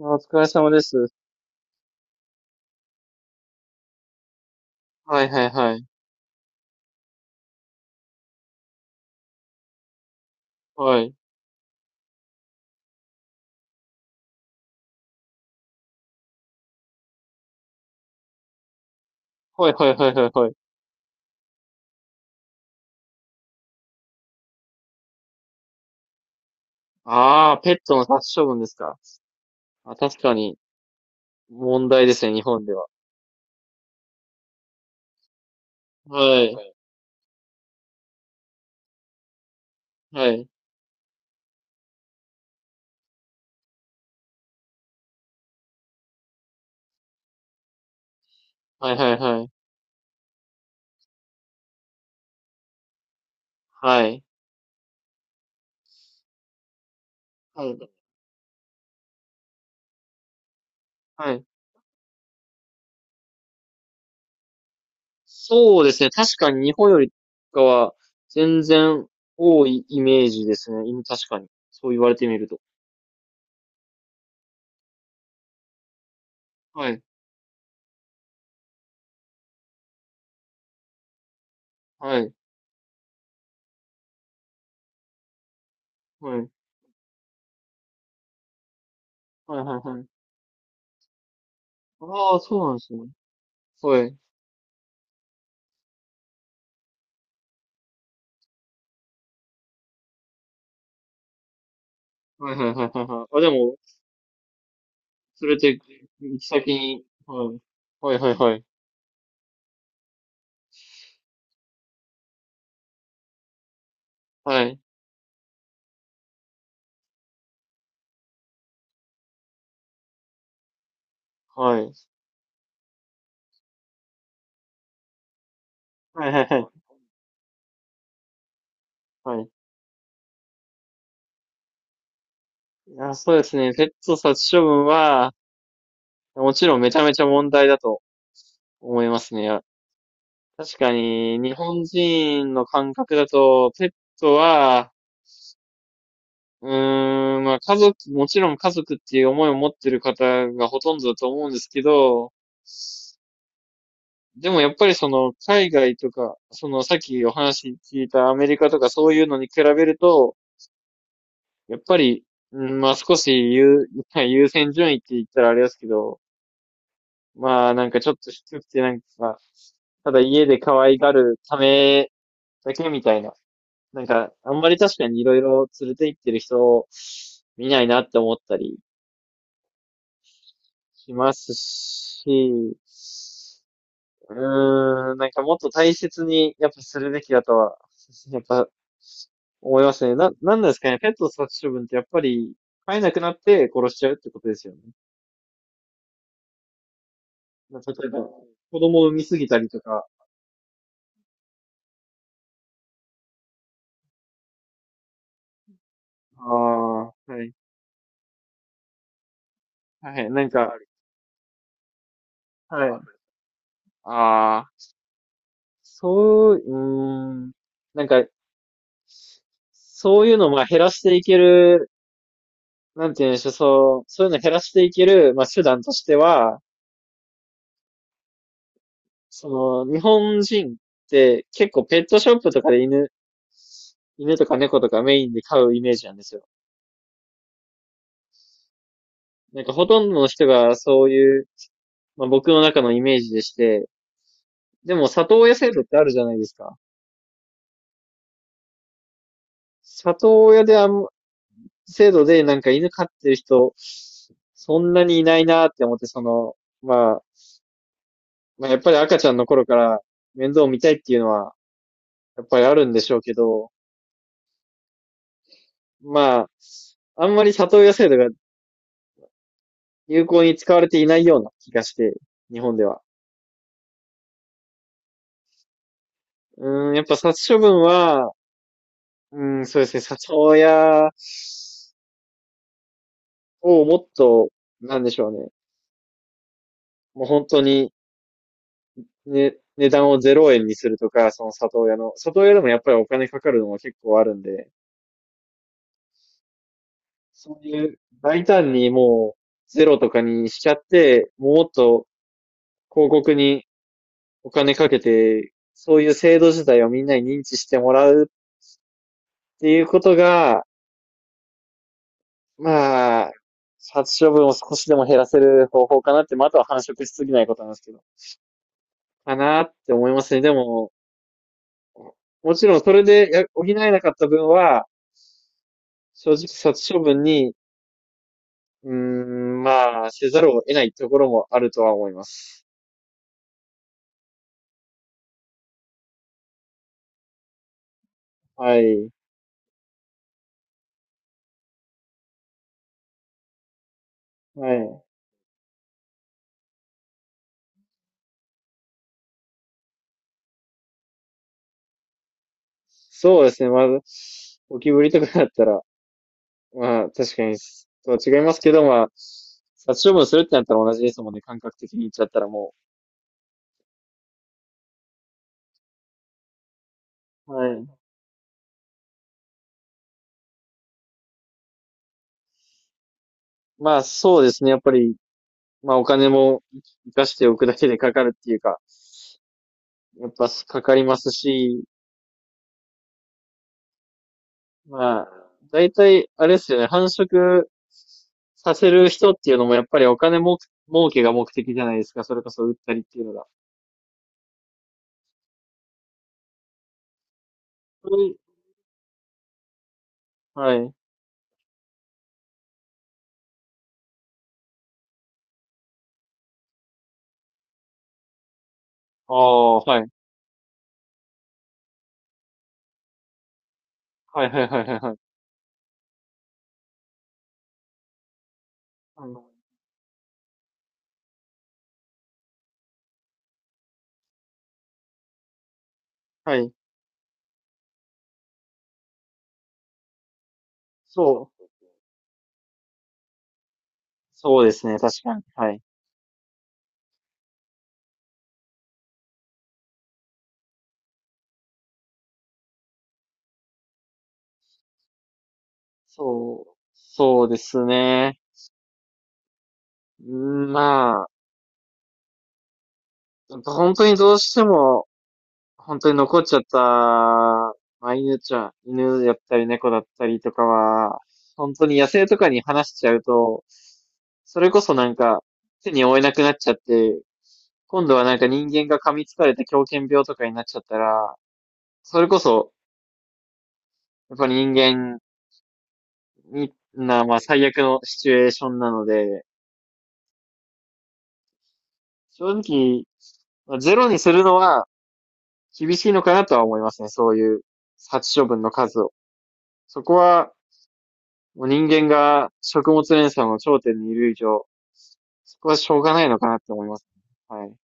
あ、お疲れ様です。はいはいはい。はい。はいはいはいはいはい。ああ、ペットの殺処分ですか。あ、確かに問題ですね、日本では。はい。はい。はいはいはい。はい。はい。はい。そうですね。確かに日本よりかは全然多いイメージですね。今確かに。そう言われてみると。はい。はい。はい。はいはいはい。ああ、そうなんですね。はい。はいはいはいはいはい。あ、でも、それで、行き先に、はい。はいはいはい。はい。はい。はいはいはい。はいはいはい。いや、そうですね。ペット殺処分は、もちろんめちゃめちゃ問題だと思いますね。確かに、日本人の感覚だと、ペットは、まあ家族、もちろん家族っていう思いを持ってる方がほとんどだと思うんですけど、でもやっぱりその海外とか、そのさっきお話聞いたアメリカとかそういうのに比べると、やっぱり、うん、まあ少し優先順位って言ったらあれですけど、まあなんかちょっと低くてなんか、ただ家で可愛がるためだけみたいな。なんか、あんまり確かにいろいろ連れて行ってる人を見ないなって思ったりしますし、なんかもっと大切にやっぱするべきだとは、やっぱ思いますね。なんなんですかね。ペット殺処分ってやっぱり飼えなくなって殺しちゃうってことですよね。まあ例えば、子供を産みすぎたりとか。ああ、はい。はい。なんか、はい。ああ、そう、うーん。なんか、そういうのをまあ減らしていける、なんて言うんでしょう、そう、そういうのを減らしていける、まあ手段としては、その、日本人って結構ペットショップとかで犬とか猫とかメインで飼うイメージなんですよ。なんかほとんどの人がそういう、まあ僕の中のイメージでして、でも里親制度ってあるじゃないですか。里親であん、制度でなんか犬飼ってる人、そんなにいないなって思って、その、まあ、まあ、やっぱり赤ちゃんの頃から面倒を見たいっていうのは、やっぱりあるんでしょうけど、まあ、あんまり里親制度が有効に使われていないような気がして、日本では。やっぱ殺処分は、うん、そうですね、里親をもっと、なんでしょうね。もう本当にね、値段を0円にするとか、里親でもやっぱりお金かかるのは結構あるんで、そういう大胆にもうゼロとかにしちゃって、もっと広告にお金かけて、そういう制度自体をみんなに認知してもらうっていうことが、まあ、殺処分を少しでも減らせる方法かなって、まあ、あとは繁殖しすぎないことなんですけど、かなって思いますね。でも、もちろんそれで補えなかった分は、正直殺処分にまあ、せざるを得ないところもあるとは思います。はい。はい。そうですね。まず、ゴキブリとかだったら、まあ、確かに、とは違いますけど、まあ、殺処分するってなったら同じですもんね。感覚的に言っちゃったらもう。はい。まあ、そうですね。やっぱり、まあ、お金も生かしておくだけでかかるっていうか、やっぱかかりますし、まあ、だいたい、あれですよね、繁殖させる人っていうのもやっぱりお金も、儲けが目的じゃないですか。それこそ売ったりっていうのが。それはい。ああ、はい。はいはいはいはいはい。あのはい。そう。そうですね。確かに。はい。そう。そうですね。うまあ、本当にどうしても、本当に残っちゃった、まあ、犬ちゃん、犬だったり猫だったりとかは、本当に野生とかに放しちゃうと、それこそなんか手に負えなくなっちゃって、今度はなんか人間が噛みつかれて狂犬病とかになっちゃったら、それこそ、やっぱり人間に、まあ最悪のシチュエーションなので、正直、まあゼロにするのは厳しいのかなとは思いますね。そういう殺処分の数を。そこはもう人間が食物連鎖の頂点にいる以上、そこはしょうがないのかなって思います。はい。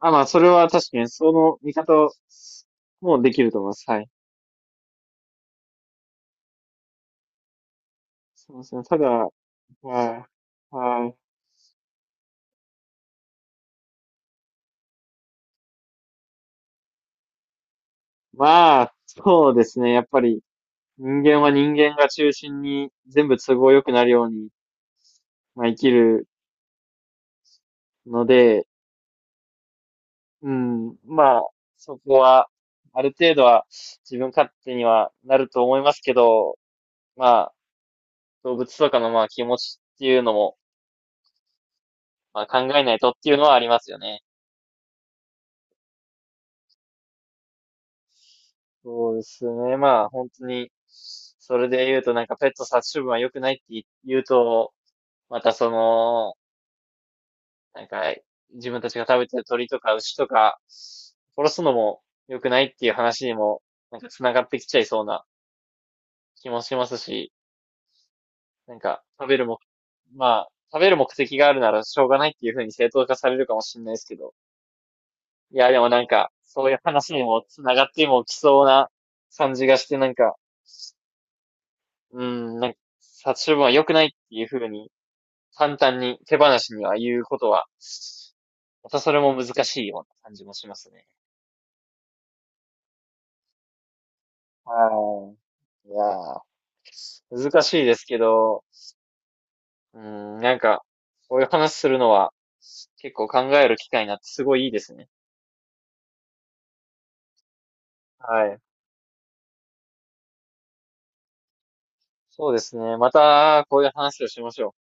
あ、まあ、それは確かにその見方もできると思います。はい。すみません。ただ、はい。はい。まあ、そうですね。やっぱり人間は人間が中心に全部都合良くなるように、まあ、生きるので、うん、まあ、そこは、ある程度は自分勝手にはなると思いますけど、まあ、動物とかのまあ気持ちっていうのも、まあ考えないとっていうのはありますよね。そうですね。まあ本当に、それで言うとなんかペット殺処分は良くないって言うと、またその、なんか自分たちが食べてる鳥とか牛とか、殺すのも良くないっていう話にも、なんか繋がってきちゃいそうな気もしますし、なんか食べるも、まあ食べる目的があるならしょうがないっていう風に正当化されるかもしれないですけど、いや、でもなんか、そういう話にも繋がってもきそうな感じがして、なんか、うん、なんか、殺処分は良くないっていう風に、簡単に手放しには言うことは、またそれも難しいような感じもしますね。はい。いやー、難しいですけど、うん、なんか、こういう話するのは、結構考える機会になってすごいいいですね。はい。そうですね。また、こういう話をしましょう。